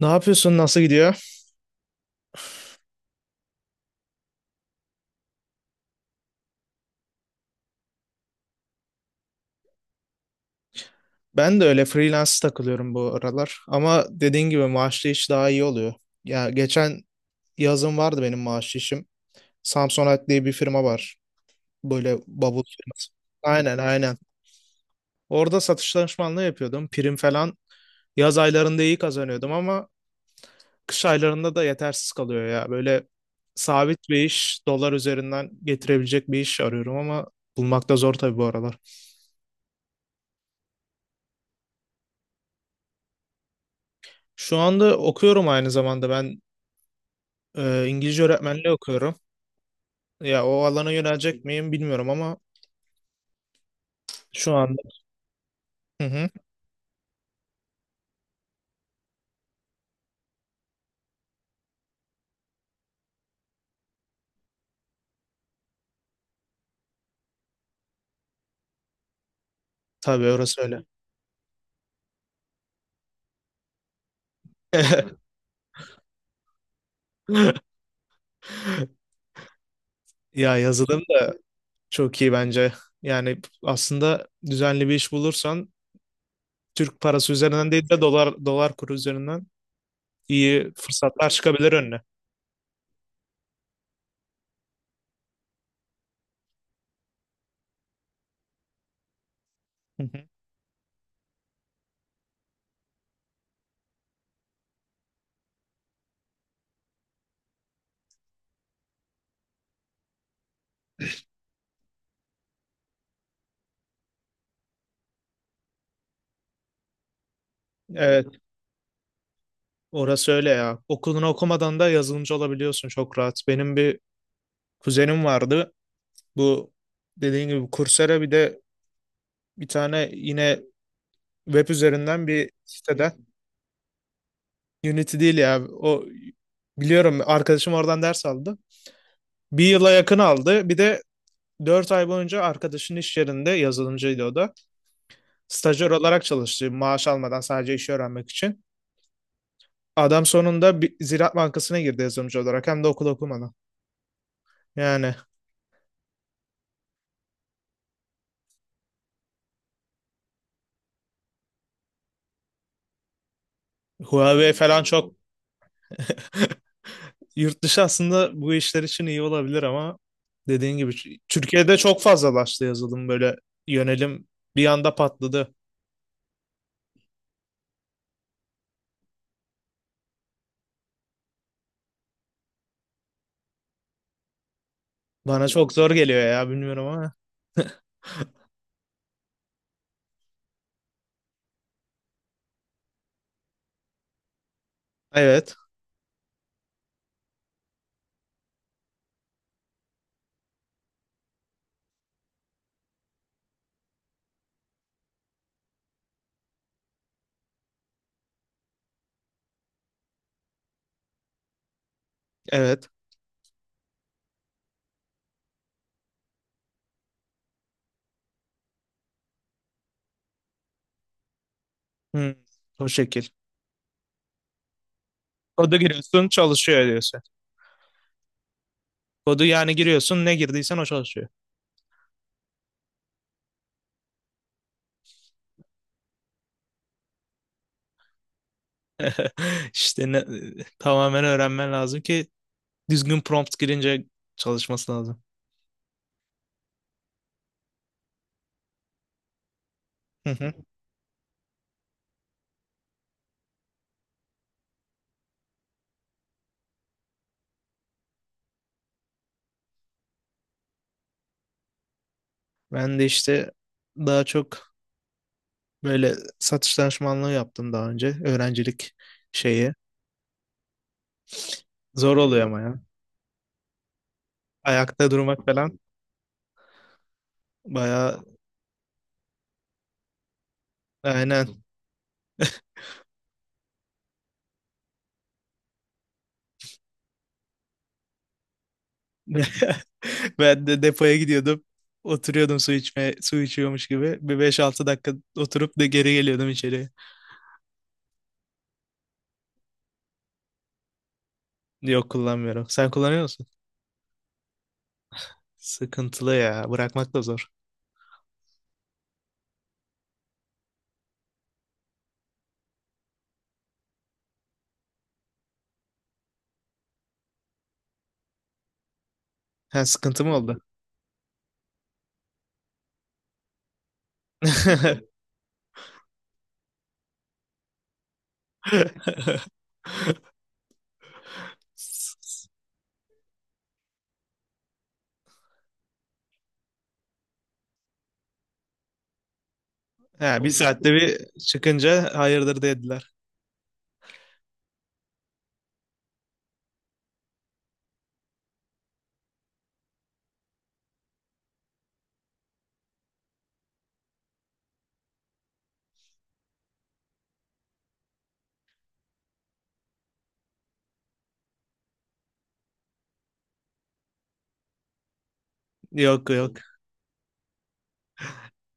Ne yapıyorsun? Nasıl gidiyor? Ben de öyle freelance takılıyorum bu aralar. Ama dediğin gibi maaşlı iş daha iyi oluyor. Ya geçen yazın vardı benim maaşlı işim. Samsonite diye bir firma var. Böyle bavul firması. Aynen, aynen. Orada satış danışmanlığı yapıyordum. Prim falan yaz aylarında iyi kazanıyordum ama kış aylarında da yetersiz kalıyor ya. Böyle sabit bir iş, dolar üzerinden getirebilecek bir iş arıyorum ama bulmakta zor tabii bu aralar. Şu anda okuyorum aynı zamanda ben. İngilizce öğretmenliği okuyorum. Ya o alana yönelecek miyim bilmiyorum ama şu anda. Hı hı. Tabii, orası öyle. Ya yazılım da çok iyi bence. Yani aslında düzenli bir iş bulursan Türk parası üzerinden değil de dolar kuru üzerinden iyi fırsatlar çıkabilir önüne. Hı hı. Evet, orası öyle ya. Okulunu okumadan da yazılımcı olabiliyorsun çok rahat. Benim bir kuzenim vardı. Bu, dediğin gibi Coursera, bir de bir tane yine web üzerinden bir siteden. Unity değil ya. O, biliyorum, arkadaşım oradan ders aldı. Bir yıla yakın aldı. Bir de 4 ay boyunca arkadaşın iş yerinde yazılımcıydı o da. Stajyer olarak çalıştı maaş almadan, sadece işi öğrenmek için. Adam sonunda bir Ziraat Bankası'na girdi yazılımcı olarak, hem de okul okumadan. Yani Huawei falan çok. Yurt dışı aslında bu işler için iyi olabilir ama dediğin gibi Türkiye'de çok fazlalaştı yazılım, böyle yönelim bir anda patladı. Bana çok zor geliyor ya, bilmiyorum ama. Evet. Evet. Hmm, O şekil. Kodu giriyorsun, çalışıyor diyorsun. Kodu yani giriyorsun, ne girdiysen o çalışıyor. İşte tamamen öğrenmen lazım ki düzgün prompt girince çalışması lazım. Hı hı. Ben de işte daha çok böyle satış danışmanlığı yaptım daha önce. Öğrencilik şeyi. Zor oluyor ama ya. Ayakta durmak falan bayağı. Aynen. Ben de depoya gidiyordum. Oturuyordum su içmeye, su içiyormuş gibi. Bir beş altı dakika oturup da geri geliyordum içeri. Yok, kullanmıyorum. Sen kullanıyor musun? Sıkıntılı ya. Bırakmak da zor. Ha, sıkıntı mı oldu? Ha, bir saatte bir çıkınca hayırdır dediler. Yok, yok.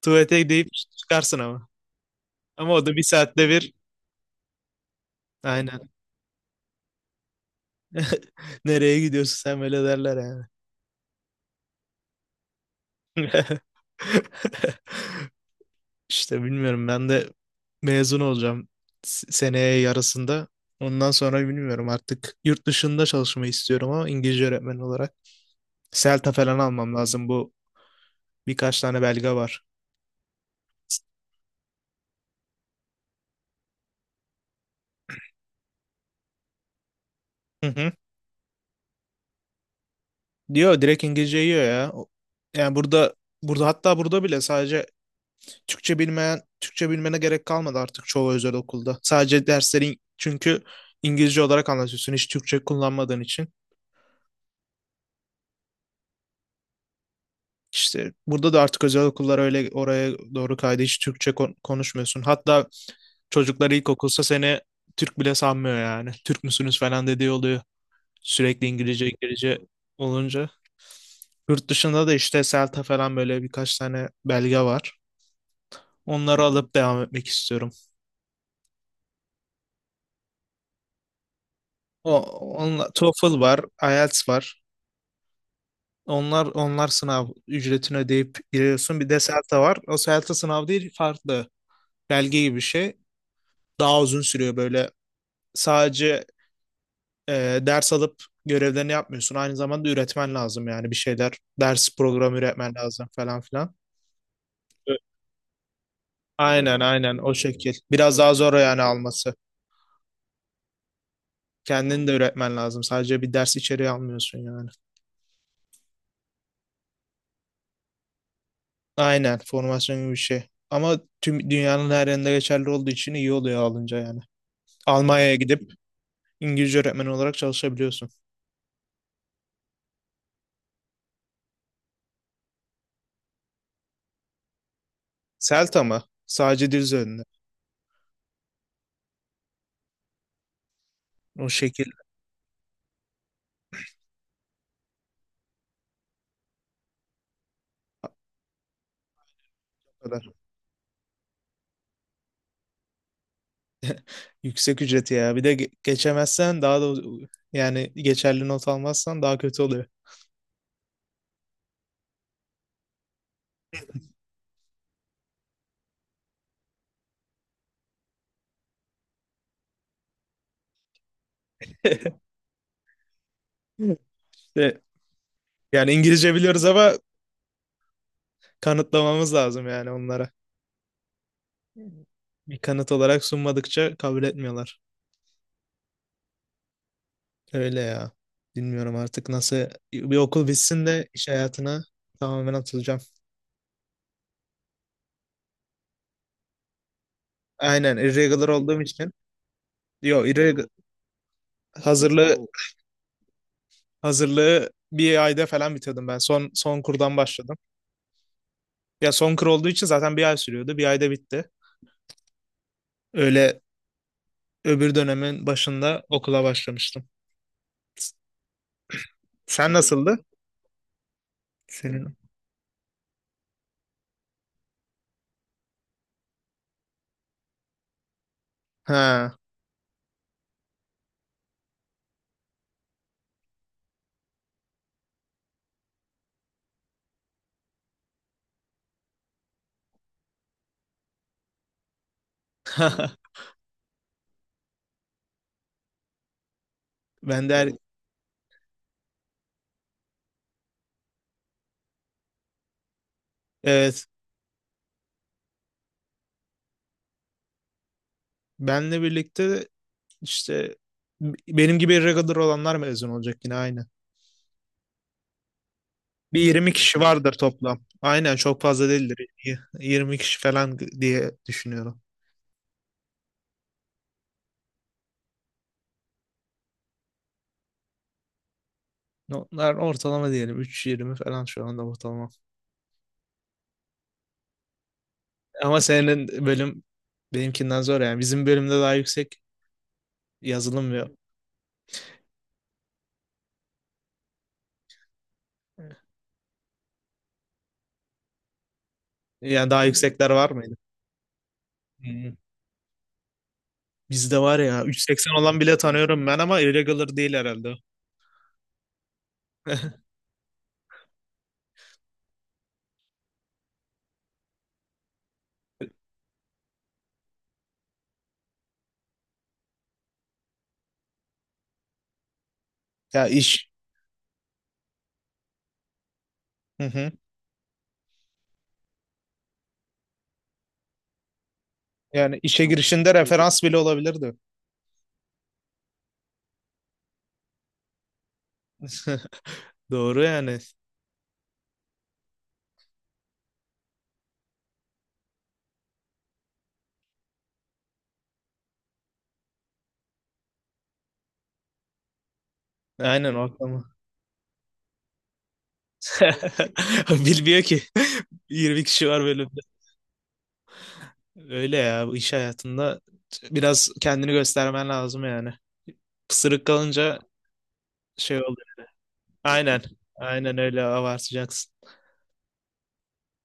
Tuvalete deyip çıkarsın ama. Ama o da bir saatte bir. Aynen. Nereye gidiyorsun sen böyle derler yani. İşte bilmiyorum, ben de mezun olacağım seneye yarısında. Ondan sonra bilmiyorum artık, yurt dışında çalışmayı istiyorum ama İngilizce öğretmeni olarak. CELTA falan almam lazım, bu birkaç tane belge var. Hı hı. Diyor, direkt İngilizce yiyor ya. Yani burada hatta burada bile sadece Türkçe bilmeyen, Türkçe bilmene gerek kalmadı artık çoğu özel okulda. Sadece derslerin, çünkü İngilizce olarak anlatıyorsun hiç Türkçe kullanmadığın için. İşte burada da artık özel okullar öyle oraya doğru kaydı. Hiç Türkçe konuşmuyorsun. Hatta çocuklar ilkokulsa seni Türk bile sanmıyor yani. Türk müsünüz falan dediği oluyor. Sürekli İngilizce, İngilizce olunca. Yurt dışında da işte CELTA falan, böyle birkaç tane belge var. Onları alıp devam etmek istiyorum. O onla, TOEFL var, IELTS var. Onlar sınav ücretini ödeyip giriyorsun. Bir de CELTA var. O CELTA sınav değil, farklı. Belge gibi bir şey. Daha uzun sürüyor, böyle sadece ders alıp görevlerini yapmıyorsun. Aynı zamanda üretmen lazım yani, bir şeyler. Ders programı üretmen lazım falan filan. Evet. Aynen, aynen o şekil. Biraz daha zor yani alması. Kendini de üretmen lazım. Sadece bir ders içeriği almıyorsun yani. Aynen, formasyon gibi bir şey. Ama tüm dünyanın her yerinde geçerli olduğu için iyi oluyor alınca yani. Almanya'ya gidip İngilizce öğretmeni olarak çalışabiliyorsun. Selta mı? Sadece dil üzerinde. O şekil. Yüksek ücreti ya. Bir de geçemezsen daha da, yani geçerli not almazsan daha kötü oluyor. İşte yani İngilizce biliyoruz ama kanıtlamamız lazım yani onlara. Bir kanıt olarak sunmadıkça kabul etmiyorlar. Öyle ya. Bilmiyorum artık nasıl, bir okul bitsin de iş hayatına tamamen atılacağım. Aynen, irregular olduğum için. Yo, irregular, hazırlığı hazırlığı bir ayda falan bitirdim ben. Son kurdan başladım. Ya son kur olduğu için zaten bir ay sürüyordu. Bir ayda bitti. Öyle öbür dönemin başında okula başlamıştım. S- Sen nasıldı? Senin. Ha. Ben de evet. Benle birlikte işte benim gibi irregular olanlar mezun olacak yine aynı. Bir 20 kişi vardır toplam. Aynen, çok fazla değildir. 20 kişi falan diye düşünüyorum. Onlar ortalama, diyelim 3,20 falan şu anda ortalama. Ama senin bölüm benimkinden zor yani. Bizim bölümde daha yüksek, yazılım ve, yani daha yüksekler var mıydı? Hı. Bizde var ya, 3,80 olan bile tanıyorum ben ama irregular değil herhalde. Ya iş. Hı hı. Yani işe girişinde referans bile olabilirdi. Doğru yani. Aynen, o aklıma. Bilmiyor ki. 20 kişi var bölümde. Öyle ya, bu iş hayatında biraz kendini göstermen lazım yani. Pısırık kalınca şey oluyor. Aynen. Aynen öyle, abartacaksın.